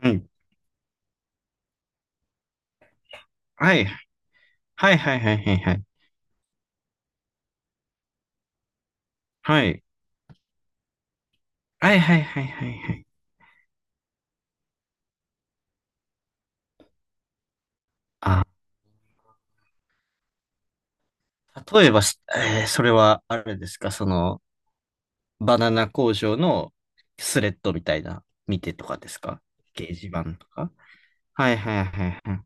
はい。はい。はいはいはいはいはい。はい。はいはいはいはいはい。あ、例えばし、えーそれはあれですか、その、バナナ工場のスレッドみたいな、見てとかですか？掲示板とか。はいはいはいはい。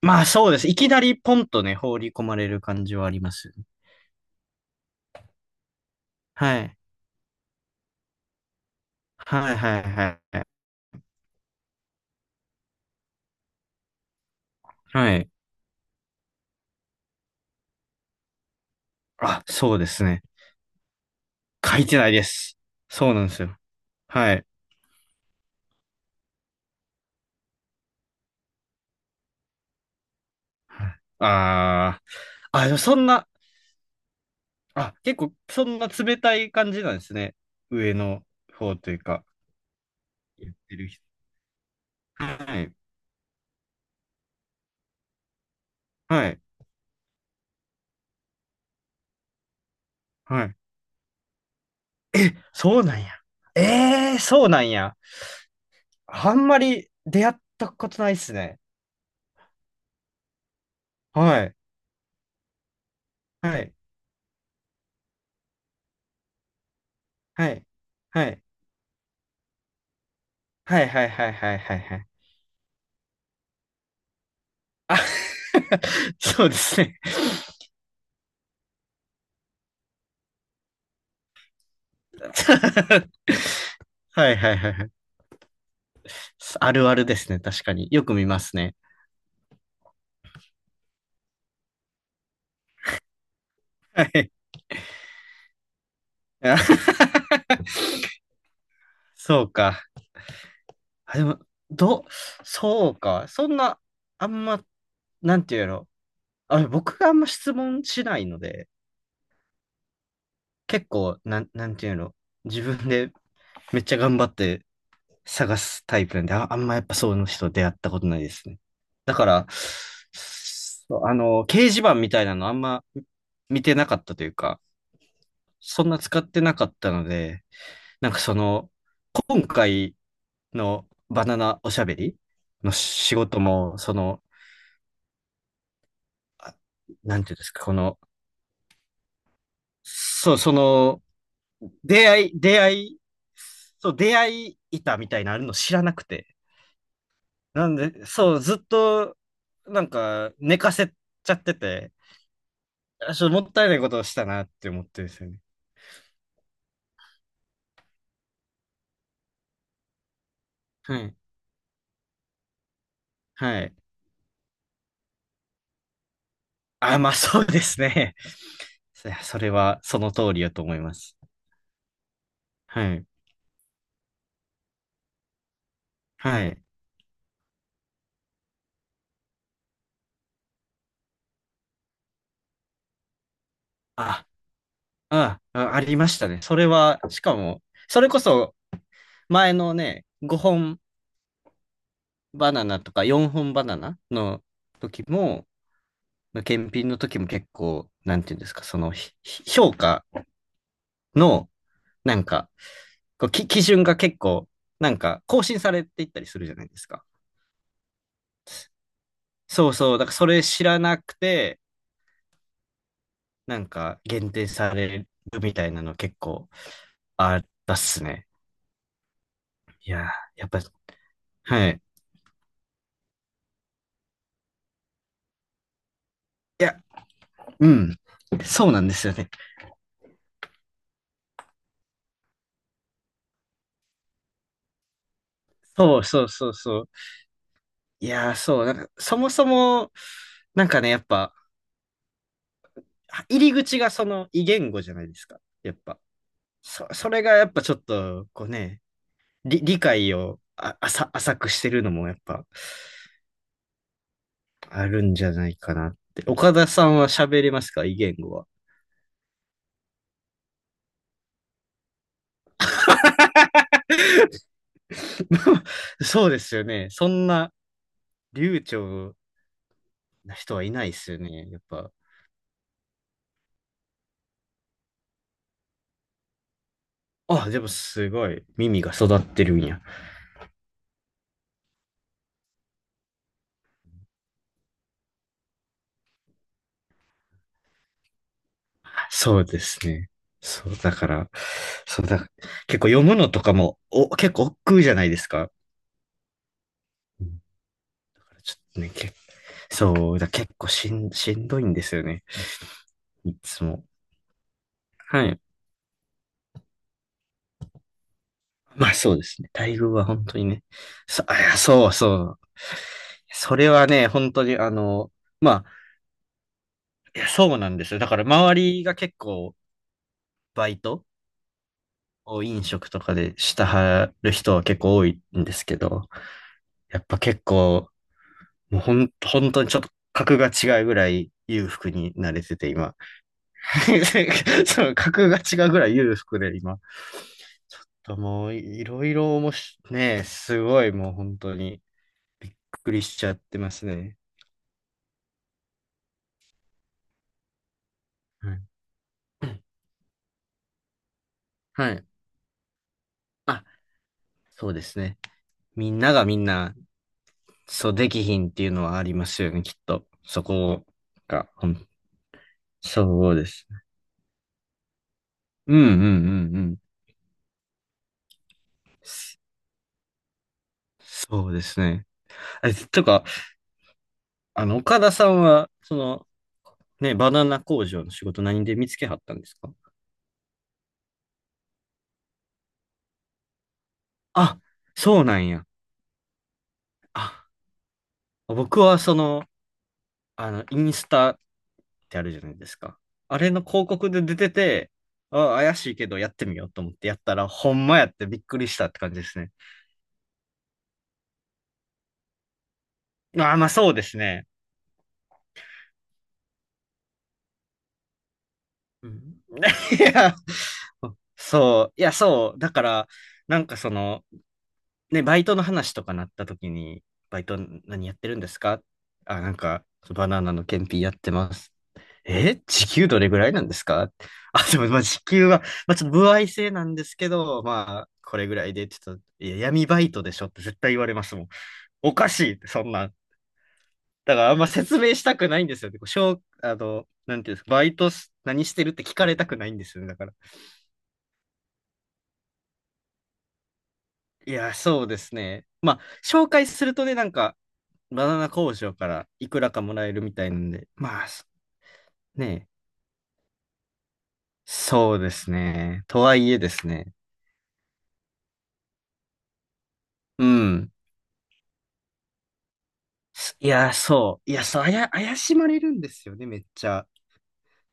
まあそうです。いきなりポンとね、放り込まれる感じはありますよね。はい。はいはいはいはい。はい。あ、そうですね。書いてないです。そうなんですよ。はい。はいあー。あ、でもそんな、あ、結構そんな冷たい感じなんですね。上の方というか、言ってる人。はい、はい、はい。そうなんや。ええー、そうなんや。あんまり出会ったことないっすね。はい、はい、はい、はい、はい、はい、はい、はい、はいはい。あ、 そうですね。はい、はい、はい。はい、あるあるですね。確かに。よく見ますね。はい。あ、 そうか。あ、でも、ど、そうか。そんな、あんま、なんていうの。あ、僕があんま質問しないので、結構、なんていうの。自分でめっちゃ頑張って探すタイプなんで、あ、あんまやっぱそういう人出会ったことないですね。だから、そうあの、掲示板みたいなのあんま見てなかったというか、そんな使ってなかったので、なんかその、今回のバナナおしゃべりの仕事も、その、あ、なんていうんですか、この、そう、その、出会い、そう、出会い板みたいなのあるの知らなくて。なんで、そう、ずっと、なんか、寝かせちゃってて、あ、ちょっともったいないことをしたなって思ってるんですよね。はい。はい。あ、まあそうですね。それは、その通りやと思います。はい。はい。あ、あ、ありましたね。それは、しかも、それこそ、前のね、5本バナナとか4本バナナの時も、検品の時も結構、なんていうんですか、その評価の、なんか、こうき基準が結構、なんか更新されていったりするじゃないですか。そうそう、だからそれ知らなくて、なんか限定されるみたいなの結構あったっすね。いやー、やっぱ、はい。いや、うん。そうなんですよね。そうそうそうそう。いやー、そう、なんか、そもそも、なんかね、やっぱ、入り口がその異言語じゃないですか。やっぱ。そ、それがやっぱちょっと、こうね、理解を浅くしてるのもやっぱあるんじゃないかなって。岡田さんは喋れますか異言語は？そうですよね。そんな流暢な人はいないですよね。やっぱ。あ、でもすごい耳が育ってるんや。そうですね。そう、だから、そうだ、結構読むのとかも、お、結構億劫じゃないですか。ちょっとね、そう、だ結構しんどいんですよね。いつも。はい。まあそうですね。待遇は本当にね。そ、あ、いや、そうそう。それはね、本当にあの、まあ、いや、そうなんですよ。だから周りが結構バイトを飲食とかでしたはる人は結構多いんですけど、やっぱ結構、もうほん、本当にちょっと格が違うぐらい裕福になれてて今。そう、格が違うぐらい裕福で今。ともうい、ろいろおもし、ねえ、すごい、もう本当に、びっくりしちゃってますね。はい。はい。あ、そうですね。みんながみんな、そうできひんっていうのはありますよね、きっと。そこが、ほんそうです。うんうんうんうん。そうですね。え、とか、あの、岡田さんは、その、ね、バナナ工場の仕事何で見つけはったんですか？あ、そうなんや。あ、僕はその、あの、インスタってあるじゃないですか。あれの広告で出てて、あ、怪しいけどやってみようと思ってやったら、ほんまやってびっくりしたって感じですね。あー、まあそうですね。うん。 いや、そう、いや、そう、だから、なんかその、ね、バイトの話とかなった時に、バイト何やってるんですか？あ、なんか、バナナの検品やってます。え、時給どれぐらいなんですか？ あ、でも、まあ、時給は、まあ、ちょっと歩合制なんですけど、まあ、これぐらいで、ちょっと、いや、闇バイトでしょって絶対言われますもん。おかしいって、そんなん。だから、あんま説明したくないんですよね。こうしょう、あの、なんていうんですか、バイトし何してるって聞かれたくないんですよね。だから。いや、そうですね。まあ、紹介するとね、なんか、バナナ工場からいくらかもらえるみたいなんで、まあ、そね、そうですね。とはいえですね。うん。いや、そう。いや、そう、あや、怪しまれるんですよね、めっちゃ。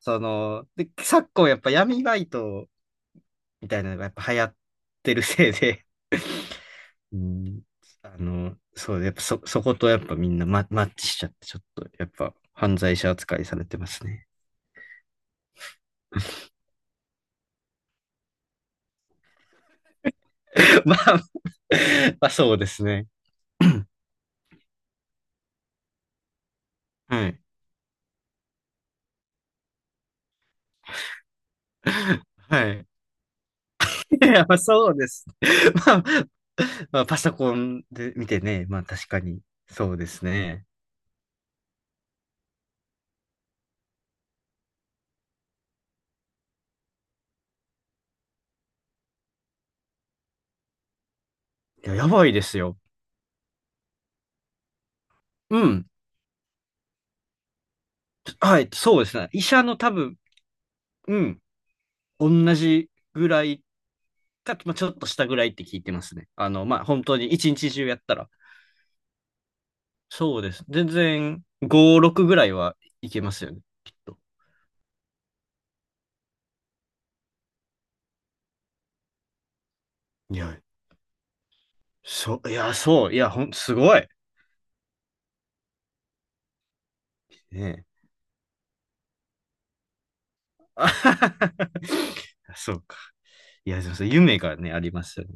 その、で、昨今やっぱ闇バイトみたいなのがやっぱ流行ってるせいで、うん、あの、そう、やっぱそ、そことやっぱみんなマッチしちゃって、ちょっとやっぱ犯罪者扱いされてますね。まあ、まあそうですね。はい。はい。いや、まあそうです。まあ、まあパソコンで見てね、まあ確かに、そうですね。いや、やばいですよ。うん。はい、そうですね。医者の多分、うん、同じぐらいか、まあ、ちょっと下ぐらいって聞いてますね。あの、まあ、本当に一日中やったら。そうです。全然、5、6ぐらいはいけますよね。きっと。いや、そう、いや、そう、いや、ほん、すごい。ねえ。あははは、はそうか。いや、そうそう、夢がね、ありますよね。